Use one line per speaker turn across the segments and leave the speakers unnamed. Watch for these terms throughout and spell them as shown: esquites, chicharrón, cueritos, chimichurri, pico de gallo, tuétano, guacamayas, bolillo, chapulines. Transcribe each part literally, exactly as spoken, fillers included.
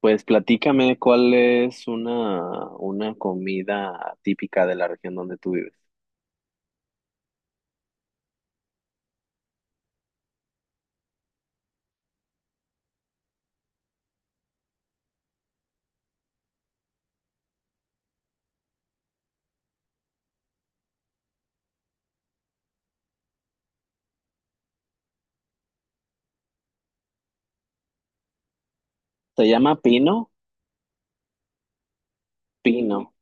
Pues platícame cuál es una, una comida típica de la región donde tú vives. ¿Se llama pino? Pino.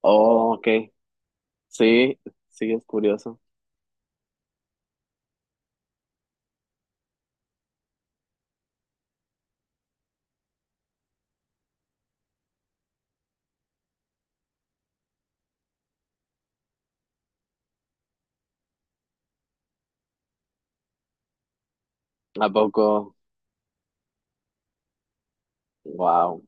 Oh, ok. Sí, sí, es curioso. ¿A poco? Wow.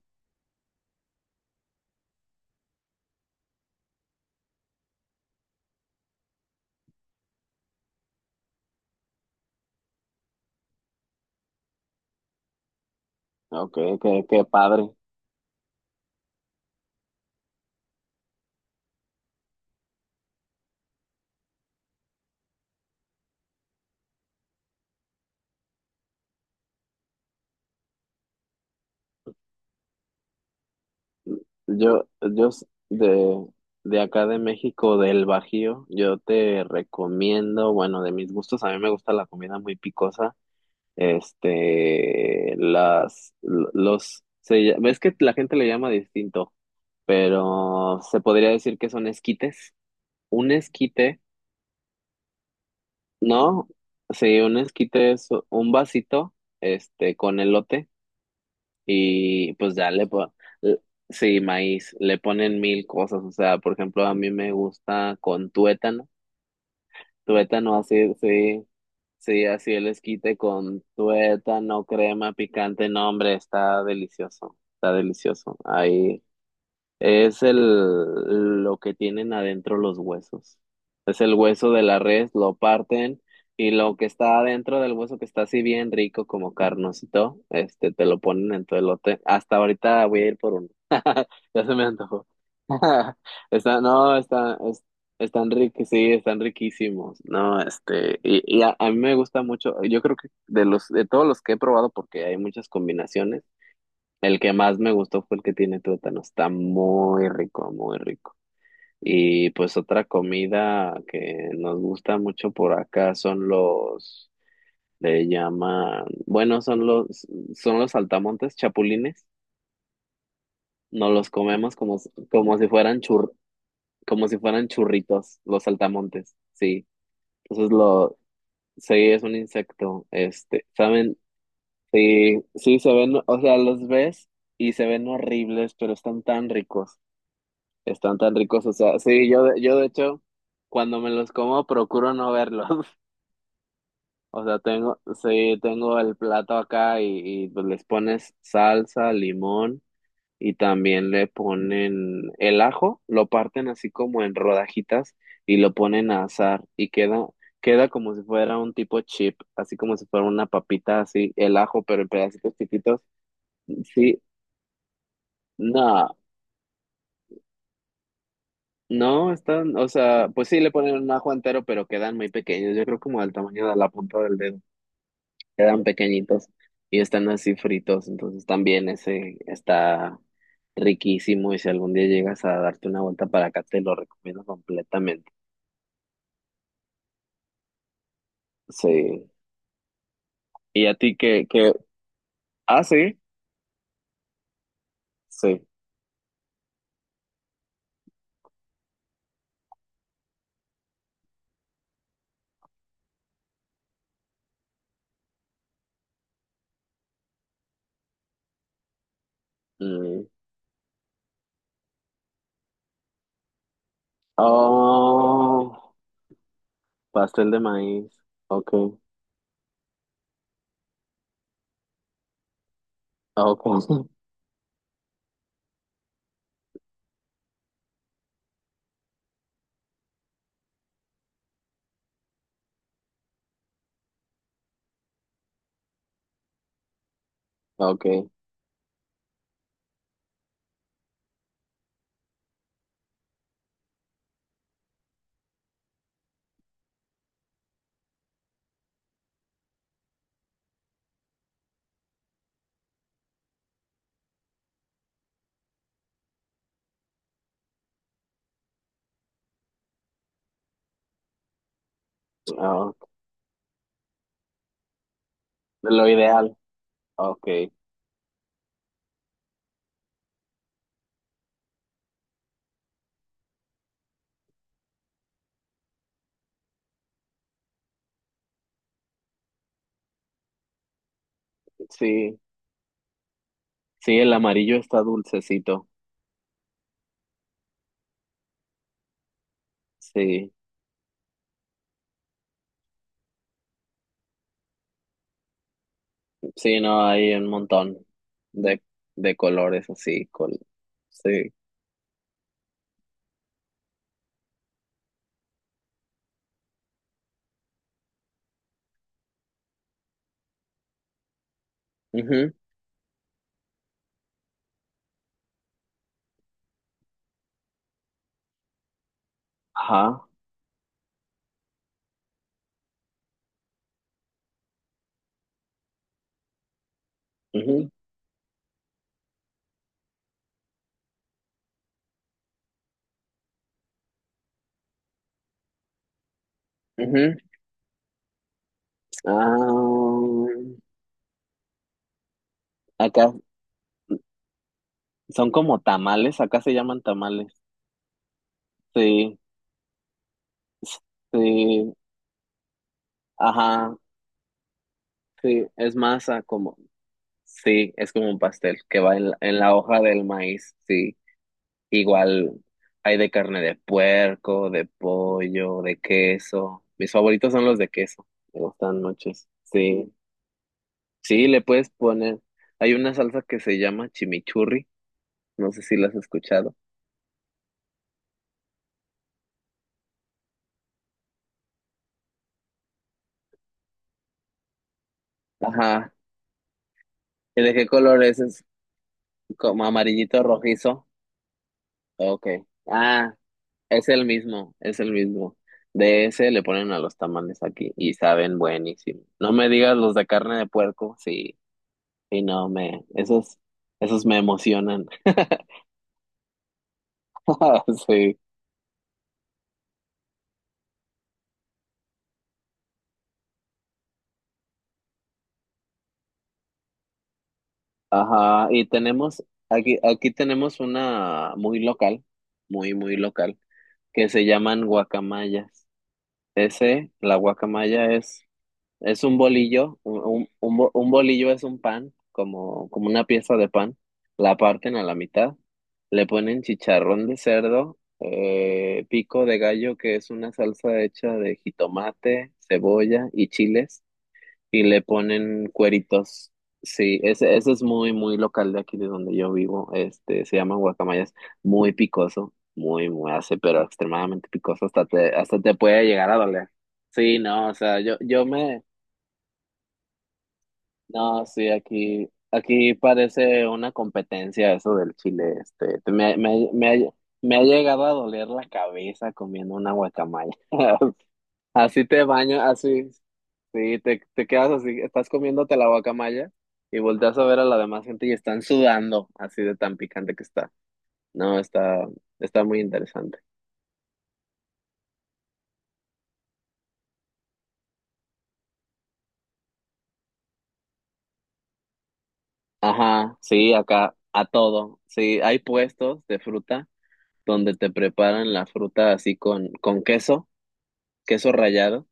Ok, qué, qué padre. Yo, yo s- de, de acá de México, del Bajío, yo te recomiendo, bueno, de mis gustos, a mí me gusta la comida muy picosa. Este, las, l- los, se ll- ves que la gente le llama distinto. Pero se podría decir que son esquites. Un esquite, ¿no? Sí, un esquite es un vasito, este, con elote y pues ya le po- l- sí, maíz, le ponen mil cosas, o sea, por ejemplo, a mí me gusta con tuétano, tuétano así, sí, sí, así el esquite con tuétano, crema picante, no, hombre, está delicioso, está delicioso. Ahí es el, lo que tienen adentro los huesos. Es el hueso de la res, lo parten y lo que está adentro del hueso que está así bien rico como carnosito, este, te lo ponen en tu elote. Hasta ahorita voy a ir por uno. Ya se me antojó. Está, no, está, es- están riquísimos, sí, están riquísimos. No, este, y, y a, a mí me gusta mucho. Yo creo que de los, de todos los que he probado, porque hay muchas combinaciones. El que más me gustó fue el que tiene tuétano. Está muy rico, muy rico. Y pues otra comida que nos gusta mucho por acá son los, le llaman, bueno, son los, son los saltamontes chapulines. Nos los comemos como, s- como si fueran chur, como si fueran churritos, los saltamontes. Sí. Entonces lo, sí, es un insecto. Este, ¿saben? Sí, sí, se ven, o sea, los ves y se ven horribles, pero están tan ricos. Están tan ricos, o sea, sí, yo, de- yo de hecho, cuando me los como, procuro no verlos. O sea, tengo, sí, tengo el plato acá y, y, pues les pones salsa, limón y también le ponen el ajo, lo parten así como en rodajitas y lo ponen a asar y queda, queda como si fuera un tipo chip, así como si fuera una papita así, el ajo, pero en pedacitos chiquitos. Sí, no. No, están, o sea, pues sí le ponen un ajo entero, pero quedan muy pequeños. Yo creo como del tamaño de la punta del dedo. Quedan pequeñitos y están así fritos. Entonces también ese está riquísimo. Y si algún día llegas a darte una vuelta para acá, te lo recomiendo completamente. Sí. ¿Y a ti qué, qué? Ah, sí. Sí. Mm. Oh, pastel de maíz. Ok. Ok. Ok. Ah, ok. Lo ideal. Ok. Sí. Sí, el amarillo está dulcecito. Sí, sí, no, hay un montón de, de colores así. Col- sí. Ujú. Ajá. Ujú, ujú. Ah, acá son como tamales, acá se llaman tamales. Sí, sí, ajá, sí, es masa como, sí, es como un pastel que va en la, en la hoja del maíz, sí. Igual hay de carne de puerco, de pollo, de queso. Mis favoritos son los de queso. Me gustan muchos. Sí, sí, le puedes poner. Hay una salsa que se llama chimichurri. No sé si la has escuchado. Ajá. ¿Y de qué color es? ¿Es como amarillito rojizo? Ok. Ah, es el mismo, es el mismo. De ese le ponen a los tamales aquí y saben buenísimo. No me digas los de carne de puerco, sí. Y no, me, esos, esos me emocionan. Sí, ajá. Y tenemos, aquí, aquí tenemos una muy local, muy, muy local, que se llaman guacamayas. Ese, la guacamaya es, es un bolillo, un, un, un bo- un bolillo es un pan, como, como una pieza de pan. La parten a la mitad, le ponen chicharrón de cerdo, eh, pico de gallo, que es una salsa hecha de jitomate, cebolla y chiles y le ponen cueritos. Sí, ese, ese es muy, muy local de aquí de donde yo vivo. Este, se llama guacamayas. Muy picoso, muy, muy hace, pero extremadamente picoso. Hasta te, hasta te puede llegar a doler. Sí, no, o sea, yo, yo me, no, sí, aquí, aquí parece una competencia eso del chile. Este, te- me, me, me, ha- me ha llegado a doler la cabeza comiendo una guacamaya. Así te baño, así. Sí, te, te quedas así, estás comiéndote la guacamaya y volteas a ver a la demás gente y están sudando, así de tan picante que está. No, está, está muy interesante. Ajá, sí, acá a todo. Sí, hay puestos de fruta donde te preparan la fruta así con, con queso, queso rallado.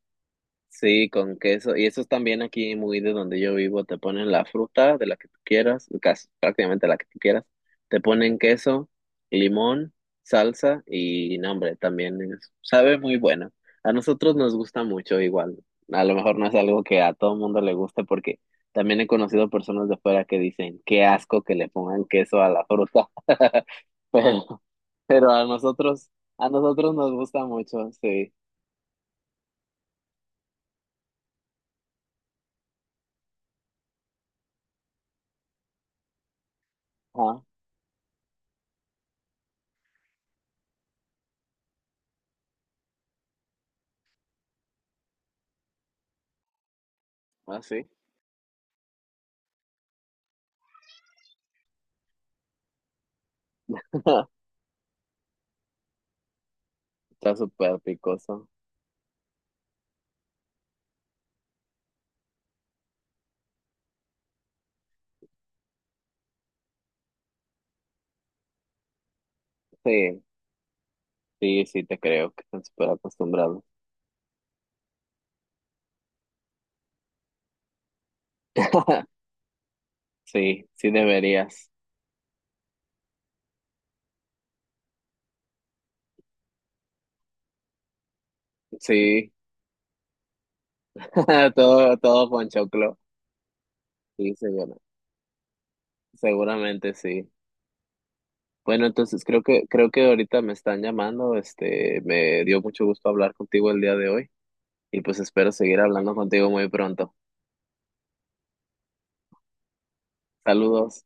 Sí, con queso. Y eso es también aquí muy de donde yo vivo. Te ponen la fruta de la que tú quieras, casi prácticamente la que tú quieras. Te ponen queso, limón, salsa y nombre también es- sabe muy bueno. A nosotros nos gusta mucho igual. A lo mejor no es algo que a todo mundo le guste porque también he conocido personas de fuera que dicen, qué asco que le pongan queso a la fruta. Pero, pero a nosotros, a nosotros nos gusta mucho, sí. Ajá. Ah, sí. Está súper picoso. Sí, sí, sí, te creo que están súper acostumbrados. Sí, sí deberías. Sí, todo, todo con ponchoclo. Sí, seguro, seguramente sí. Bueno, entonces creo que, creo que ahorita me están llamando. Este, me dio mucho gusto hablar contigo el día de hoy y pues espero seguir hablando contigo muy pronto. Saludos.